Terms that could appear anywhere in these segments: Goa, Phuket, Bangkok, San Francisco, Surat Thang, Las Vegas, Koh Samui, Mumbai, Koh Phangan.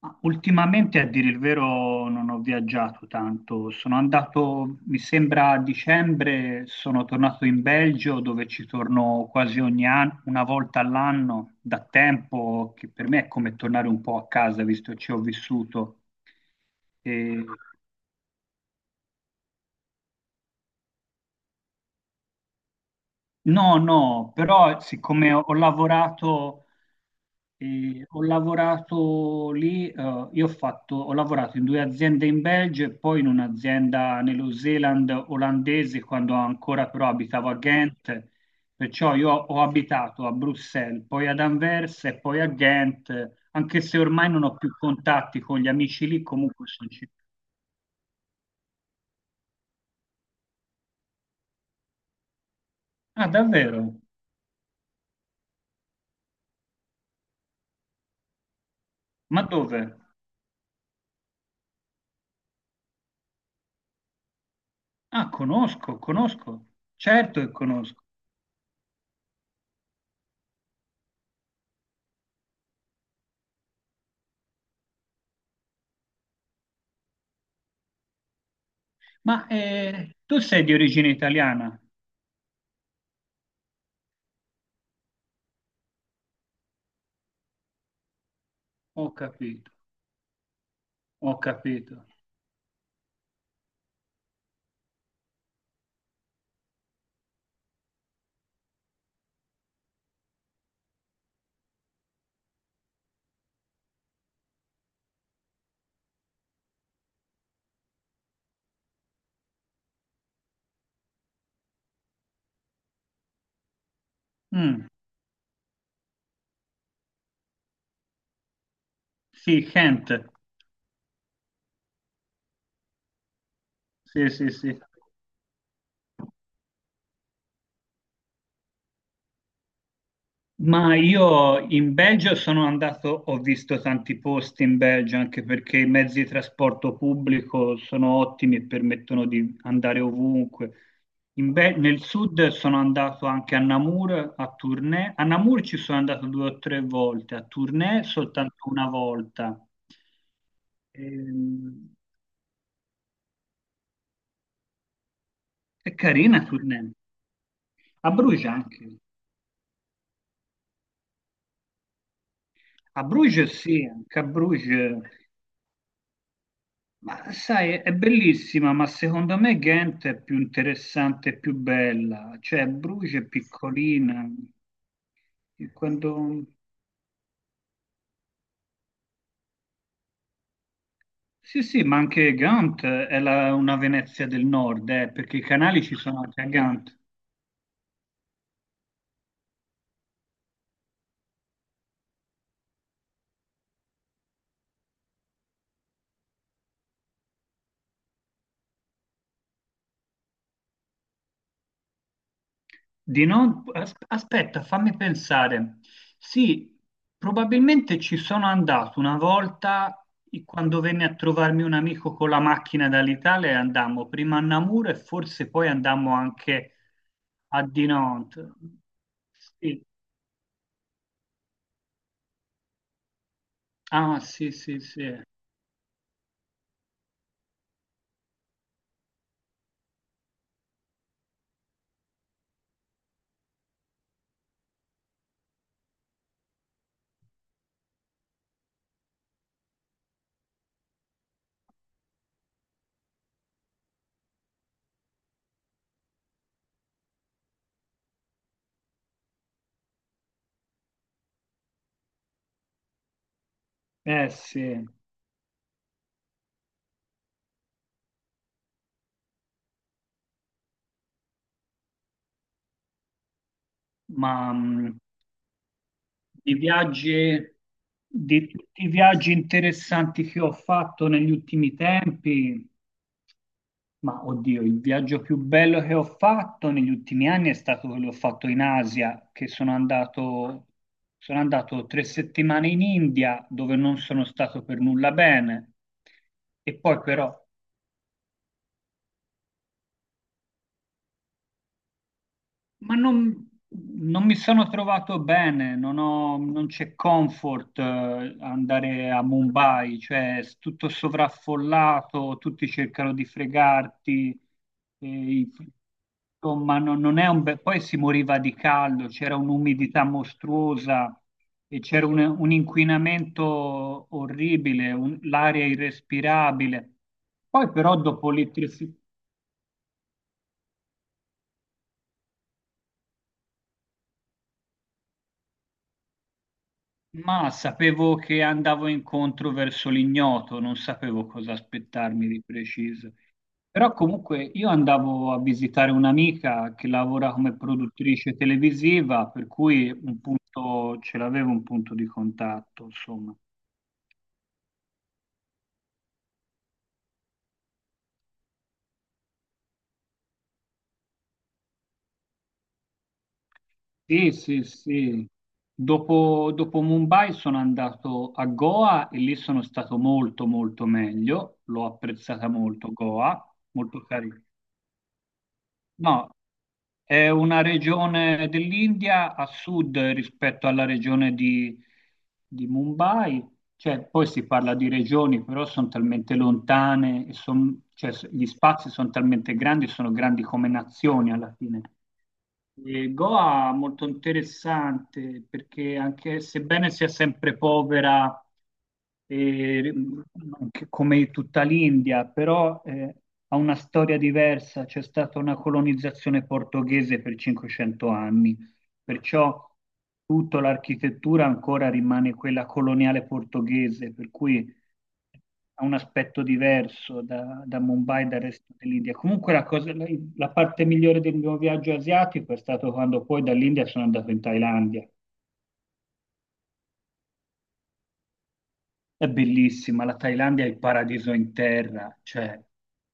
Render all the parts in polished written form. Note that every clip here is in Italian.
Ma ultimamente, a dire il vero, non ho viaggiato tanto. Sono andato, mi sembra, a dicembre, sono tornato in Belgio, dove ci torno quasi ogni anno, una volta all'anno, da tempo, che per me è come tornare un po' a casa, visto che ci ho vissuto. E- No, no, però siccome ho lavorato. E ho lavorato lì, io ho fatto, ho lavorato in due aziende in Belgio e poi in un'azienda nello Zeeland olandese quando ancora però abitavo a Ghent, perciò io ho abitato a Bruxelles, poi ad Anversa e poi a Ghent, anche se ormai non ho più contatti con gli amici lì, comunque sono ci- Ah, davvero? Ma dove? Ah, conosco, conosco, certo che conosco. Ma tu sei di origine italiana? Ho capito. Ho capito. Mm. Sì, Kent. Sì, sì, sì. Ma io in Belgio sono andato, ho visto tanti posti in Belgio anche perché i mezzi di trasporto pubblico sono ottimi e permettono di andare ovunque. In Be- nel sud sono andato anche a Namur, a Tournai. A Namur ci sono andato due o tre volte, a Tournai soltanto una volta. Ehm, è carina Tournai. A Bruges anche. A Bruges sì, anche a Bruges, ma sai, è bellissima, ma secondo me Ghent è più interessante e più bella, cioè Bruges è piccolina, e quando- sì sì, ma anche Gant è la- una Venezia del nord, perché i canali ci sono anche a Gant. Di non... as- Aspetta, fammi pensare. Sì, probabilmente ci sono andato una volta i- quando venne a trovarmi un amico con la macchina dall'Italia e andammo prima a Namur e forse poi andammo anche a Dinant. Sì. Ah, sì, sì, sì. Eh sì, ma i viaggi, di tutti i viaggi interessanti che ho fatto negli ultimi tempi, ma oddio, il viaggio più bello che ho fatto negli ultimi anni è stato quello che ho fatto in Asia, che sono andato 3 settimane in India dove non sono stato per nulla bene. E poi però, ma non, non mi sono trovato bene, non ho- non c'è comfort andare a Mumbai, cioè è tutto sovraffollato, tutti cercano di fregarti, e- i- insomma no- non è un bel... Poi si moriva di caldo, c'era un'umidità mostruosa e c'era un inquinamento orribile, un- l'aria irrespirabile. Poi però dopo l'elettrifi- Ma sapevo che andavo incontro verso l'ignoto, non sapevo cosa aspettarmi di preciso. Però comunque io andavo a visitare un'amica che lavora come produttrice televisiva, per cui un punto, ce l'avevo un punto di contatto, insomma. Sì, sì, sì. Dopo, dopo Mumbai sono andato a Goa e lì sono stato molto, molto meglio. L'ho apprezzata molto, Goa, molto carina. No, è una regione dell'India a sud rispetto alla regione di Mumbai, cioè poi si parla di regioni, però sono talmente lontane, e son- cioè, s- gli spazi sono talmente grandi, sono grandi come nazioni alla fine. E Goa è molto interessante perché anche sebbene sia sempre povera eh, anche come tutta l'India, però ha una storia diversa, c'è stata una colonizzazione portoghese per 500 anni, perciò tutta l'architettura ancora rimane quella coloniale portoghese, per cui ha un aspetto diverso da, da Mumbai e dal resto dell'India. Comunque la, cosa- la- la parte migliore del mio viaggio asiatico è stato quando poi dall'India sono andato in Thailandia. È bellissima, la Thailandia è il paradiso in terra, cioè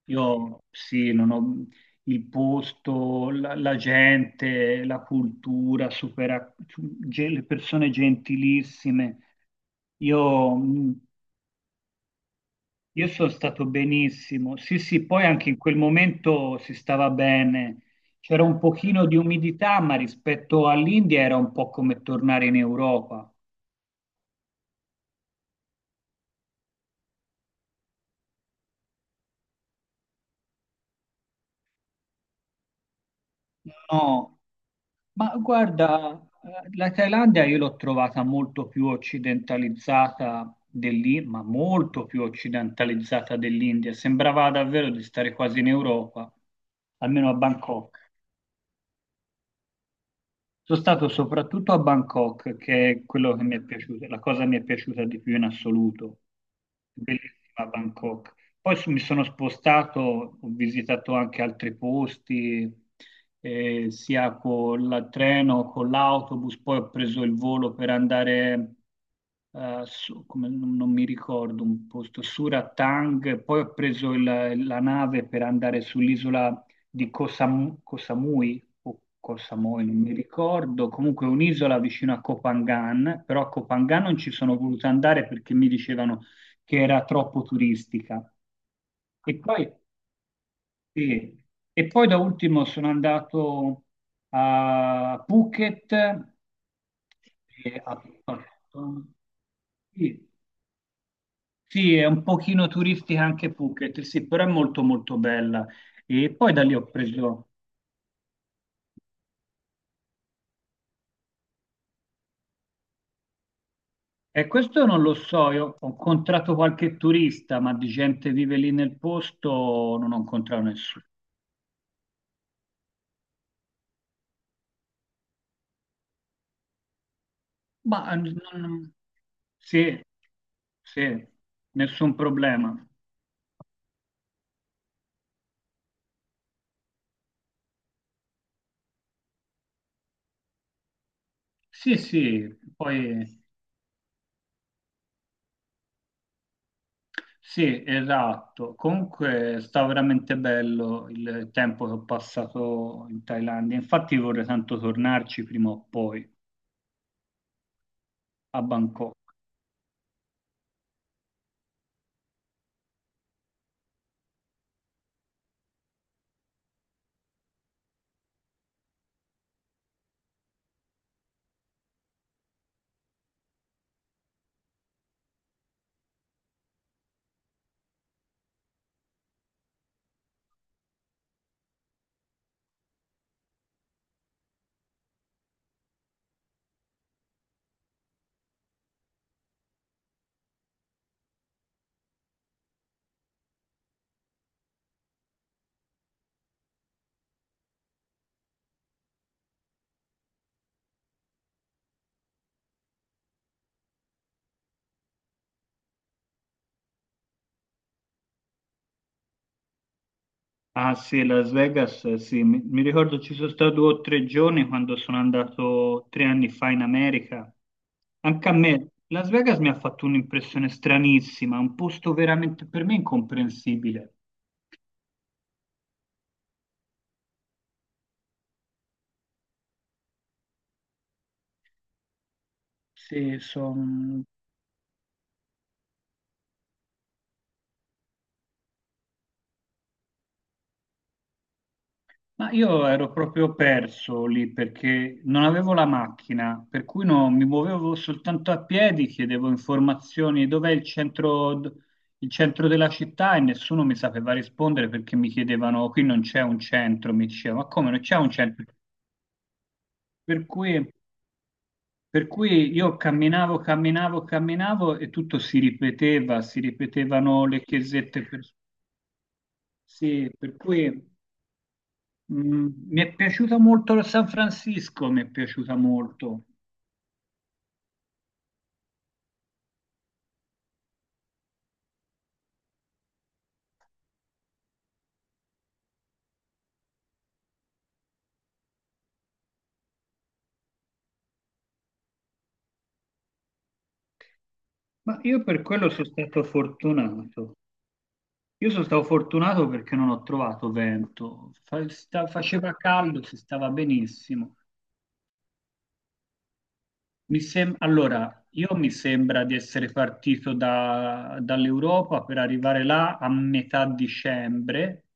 io sì, non ho il posto, la, la gente, la cultura, supera- ge- le persone gentilissime. Io io sono stato benissimo. Sì, sì, poi anche in quel momento si stava bene. C'era un pochino di umidità, ma rispetto all'India era un po' come tornare in Europa. No, ma guarda, la Thailandia io l'ho trovata molto più occidentalizzata dell'India, ma molto più occidentalizzata dell'India. Sembrava davvero di stare quasi in Europa, almeno a Bangkok. Sono stato soprattutto a Bangkok, che è quello che mi è piaciuto, la cosa che mi è piaciuta di più in assoluto. Bellissima Bangkok. Poi su- mi sono spostato, ho visitato anche altri posti, sia con il treno, con l'autobus, poi ho preso il volo per andare su- come non, non mi ricordo, un posto, Surat Thang, poi ho preso il- la nave per andare sull'isola di Koh Sam- Koh Samui, o Koh Samui, non mi ricordo, comunque un'isola vicino a Koh Phangan, però a Koh Phangan non ci sono voluto andare perché mi dicevano che era troppo turistica. E poi, sì. E poi da ultimo sono andato a Phuket, e a Phuket. Sì, sì, è un pochino turistica anche Phuket, sì, però è molto molto bella. E poi da lì ho preso... E questo non lo so, io ho incontrato qualche turista, ma di gente che vive lì nel posto non ho incontrato nessuno. Ma non- sì, sì, nessun problema. Sì, sì, poi sì, esatto. Comunque sta veramente bello il tempo che ho passato in Thailandia. Infatti vorrei tanto tornarci prima o poi. A Bangkok. Ah sì, Las Vegas, sì, mi ricordo ci sono stato due o tre giorni quando sono andato 3 anni fa in America. Anche a me, Las Vegas mi ha fatto un'impressione stranissima, un posto veramente per me incomprensibile. Sì, sono, ma io ero proprio perso lì perché non avevo la macchina, per cui no- mi muovevo soltanto a piedi, chiedevo informazioni dov'è il centro, d- il centro della città e nessuno mi sapeva rispondere perché mi chiedevano qui non c'è un centro, mi diceva ma come non c'è un centro? Per cui, per cui io camminavo, camminavo, camminavo e tutto si ripeteva, si ripetevano le chiesette, per- sì, per cui... Mm, mi è piaciuta molto San Francisco, mi è piaciuta molto, ma io per quello sono stato fortunato. Io sono stato fortunato perché non ho trovato vento, Fa- sta- faceva caldo, si stava benissimo. Mi sem- allora, io mi sembra di essere partito da- dall'Europa per arrivare là a metà dicembre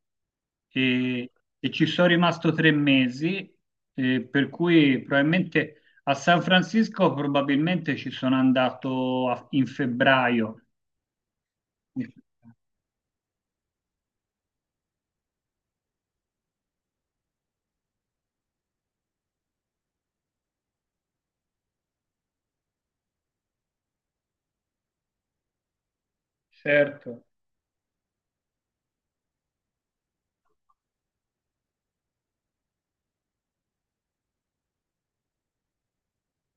e, e ci sono rimasto 3 mesi, per cui probabilmente a San Francisco probabilmente ci sono andato a- in febbraio. Certo,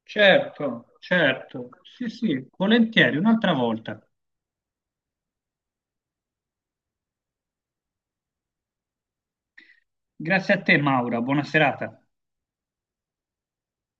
certo, certo. Sì, sì, volentieri, un'altra volta. Grazie a te, Maura, buona serata.